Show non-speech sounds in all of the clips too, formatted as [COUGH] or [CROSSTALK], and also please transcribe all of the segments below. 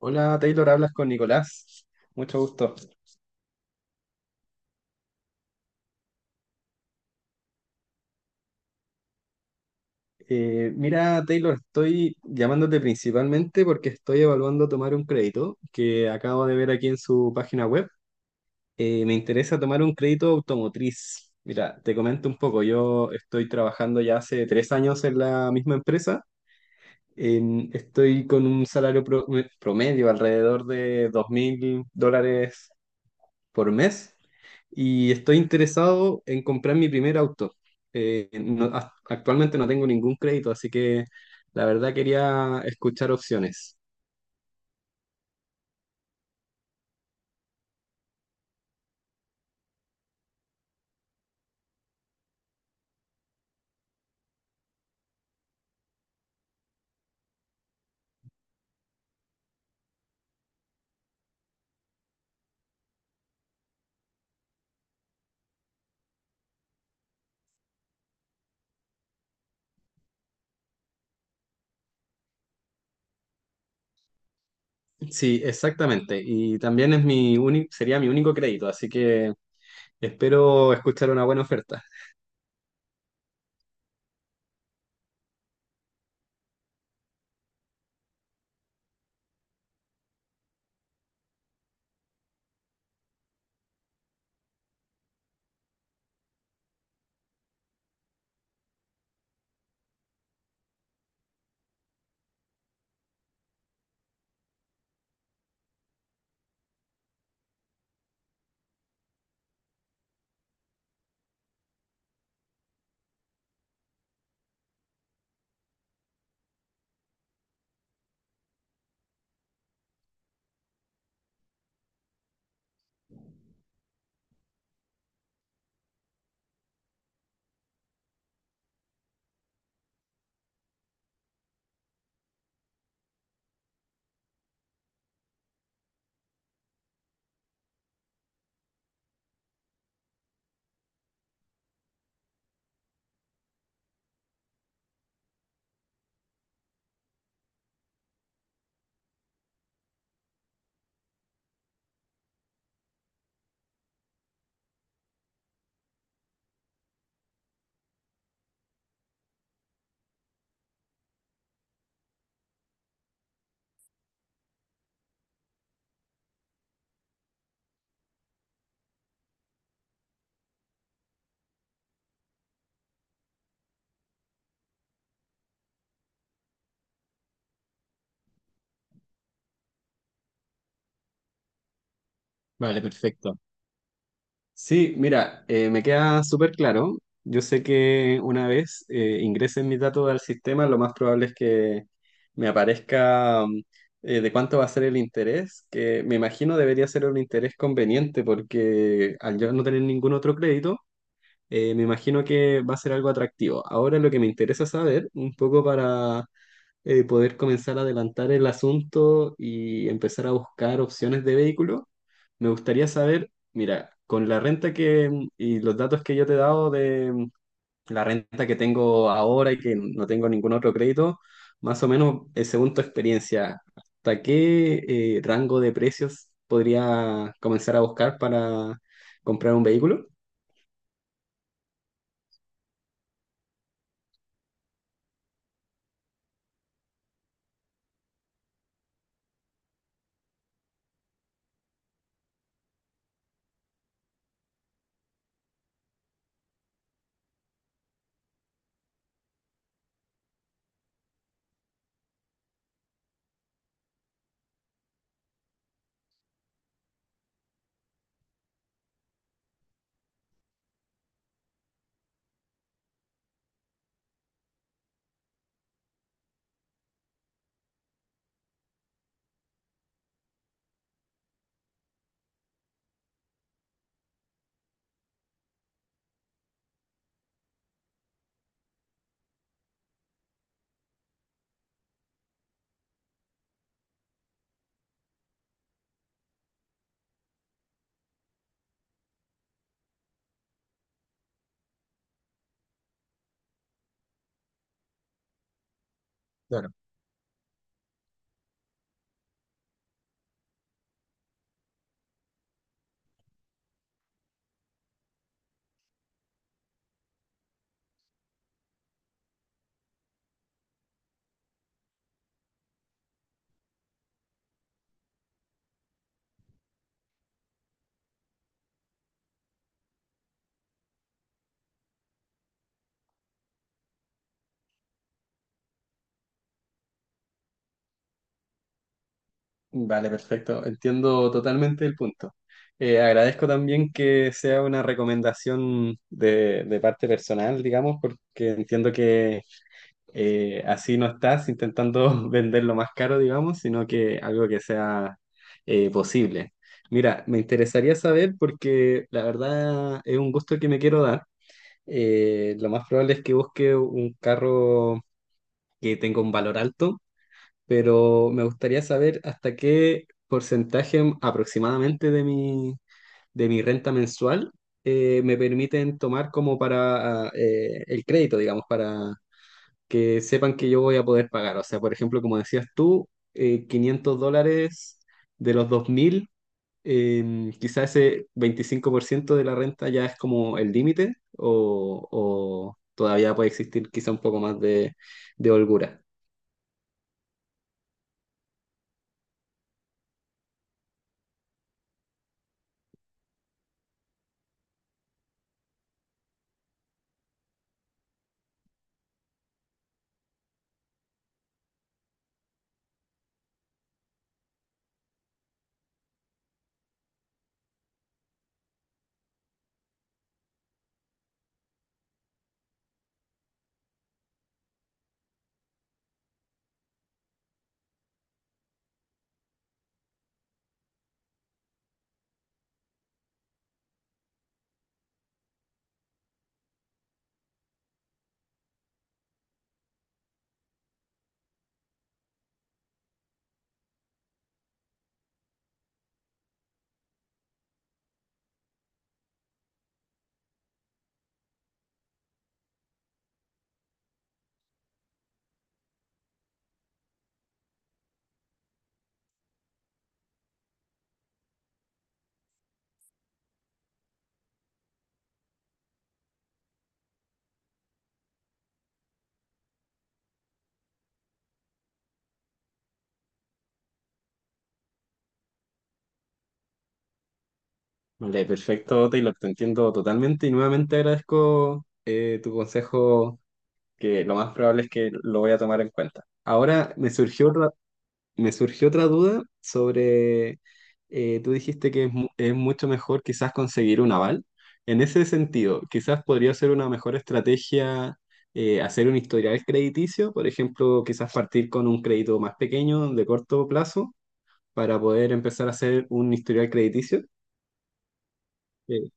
Hola Taylor, hablas con Nicolás. Mucho gusto. Mira Taylor, estoy llamándote principalmente porque estoy evaluando tomar un crédito que acabo de ver aquí en su página web. Me interesa tomar un crédito automotriz. Mira, te comento un poco. Yo estoy trabajando ya hace 3 años en la misma empresa. Estoy con un salario promedio alrededor de $2,000 por mes y estoy interesado en comprar mi primer auto. Actualmente no tengo ningún crédito, así que la verdad quería escuchar opciones. Sí, exactamente. Y también sería mi único crédito, así que espero escuchar una buena oferta. Vale, perfecto. Sí, mira, me queda súper claro. Yo sé que una vez ingresen mis datos al sistema, lo más probable es que me aparezca de cuánto va a ser el interés, que me imagino debería ser un interés conveniente porque al yo no tener ningún otro crédito, me imagino que va a ser algo atractivo. Ahora lo que me interesa saber, un poco para poder comenzar a adelantar el asunto y empezar a buscar opciones de vehículo. Me gustaría saber, mira, con la renta y los datos que yo te he dado de la renta que tengo ahora y que no tengo ningún otro crédito, más o menos, según tu experiencia, ¿hasta qué rango de precios podría comenzar a buscar para comprar un vehículo? Vale, perfecto. Entiendo totalmente el punto. Agradezco también que sea una recomendación de parte personal, digamos, porque entiendo que así no estás intentando [LAUGHS] venderlo más caro, digamos, sino que algo que sea posible. Mira, me interesaría saber porque la verdad es un gusto que me quiero dar. Lo más probable es que busque un carro que tenga un valor alto pero me gustaría saber hasta qué porcentaje aproximadamente de mi renta mensual me permiten tomar como para el crédito, digamos, para que sepan que yo voy a poder pagar. O sea, por ejemplo, como decías tú, 500 dólares de los 2.000, quizás ese 25% de la renta ya es como el límite o todavía puede existir quizá un poco más de holgura. Vale, perfecto, Taylor, te entiendo totalmente y nuevamente agradezco tu consejo, que lo más probable es que lo voy a tomar en cuenta. Ahora me surgió otra, Me surgió otra duda sobre, tú dijiste que es, es mucho mejor quizás conseguir un aval. En ese sentido, quizás podría ser una mejor estrategia hacer un historial crediticio, por ejemplo, quizás partir con un crédito más pequeño de corto plazo para poder empezar a hacer un historial crediticio. eh,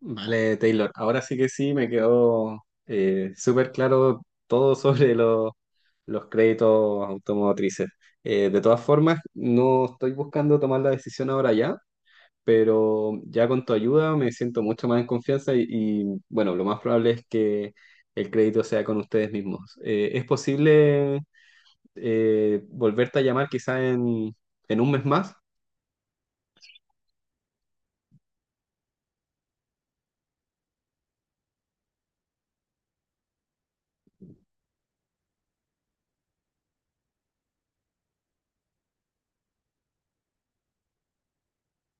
Vale, Taylor. Ahora sí que sí, me quedó súper claro todo [LAUGHS] sobre los créditos automotrices. De todas formas, no estoy buscando tomar la decisión ahora ya, pero ya con tu ayuda me siento mucho más en confianza y, bueno, lo más probable es que el crédito sea con ustedes mismos. ¿Es posible volverte a llamar quizá en un mes más?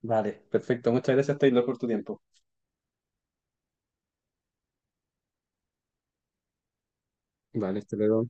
Vale, perfecto. Muchas gracias, Taylor, por tu tiempo. Vale, hasta luego.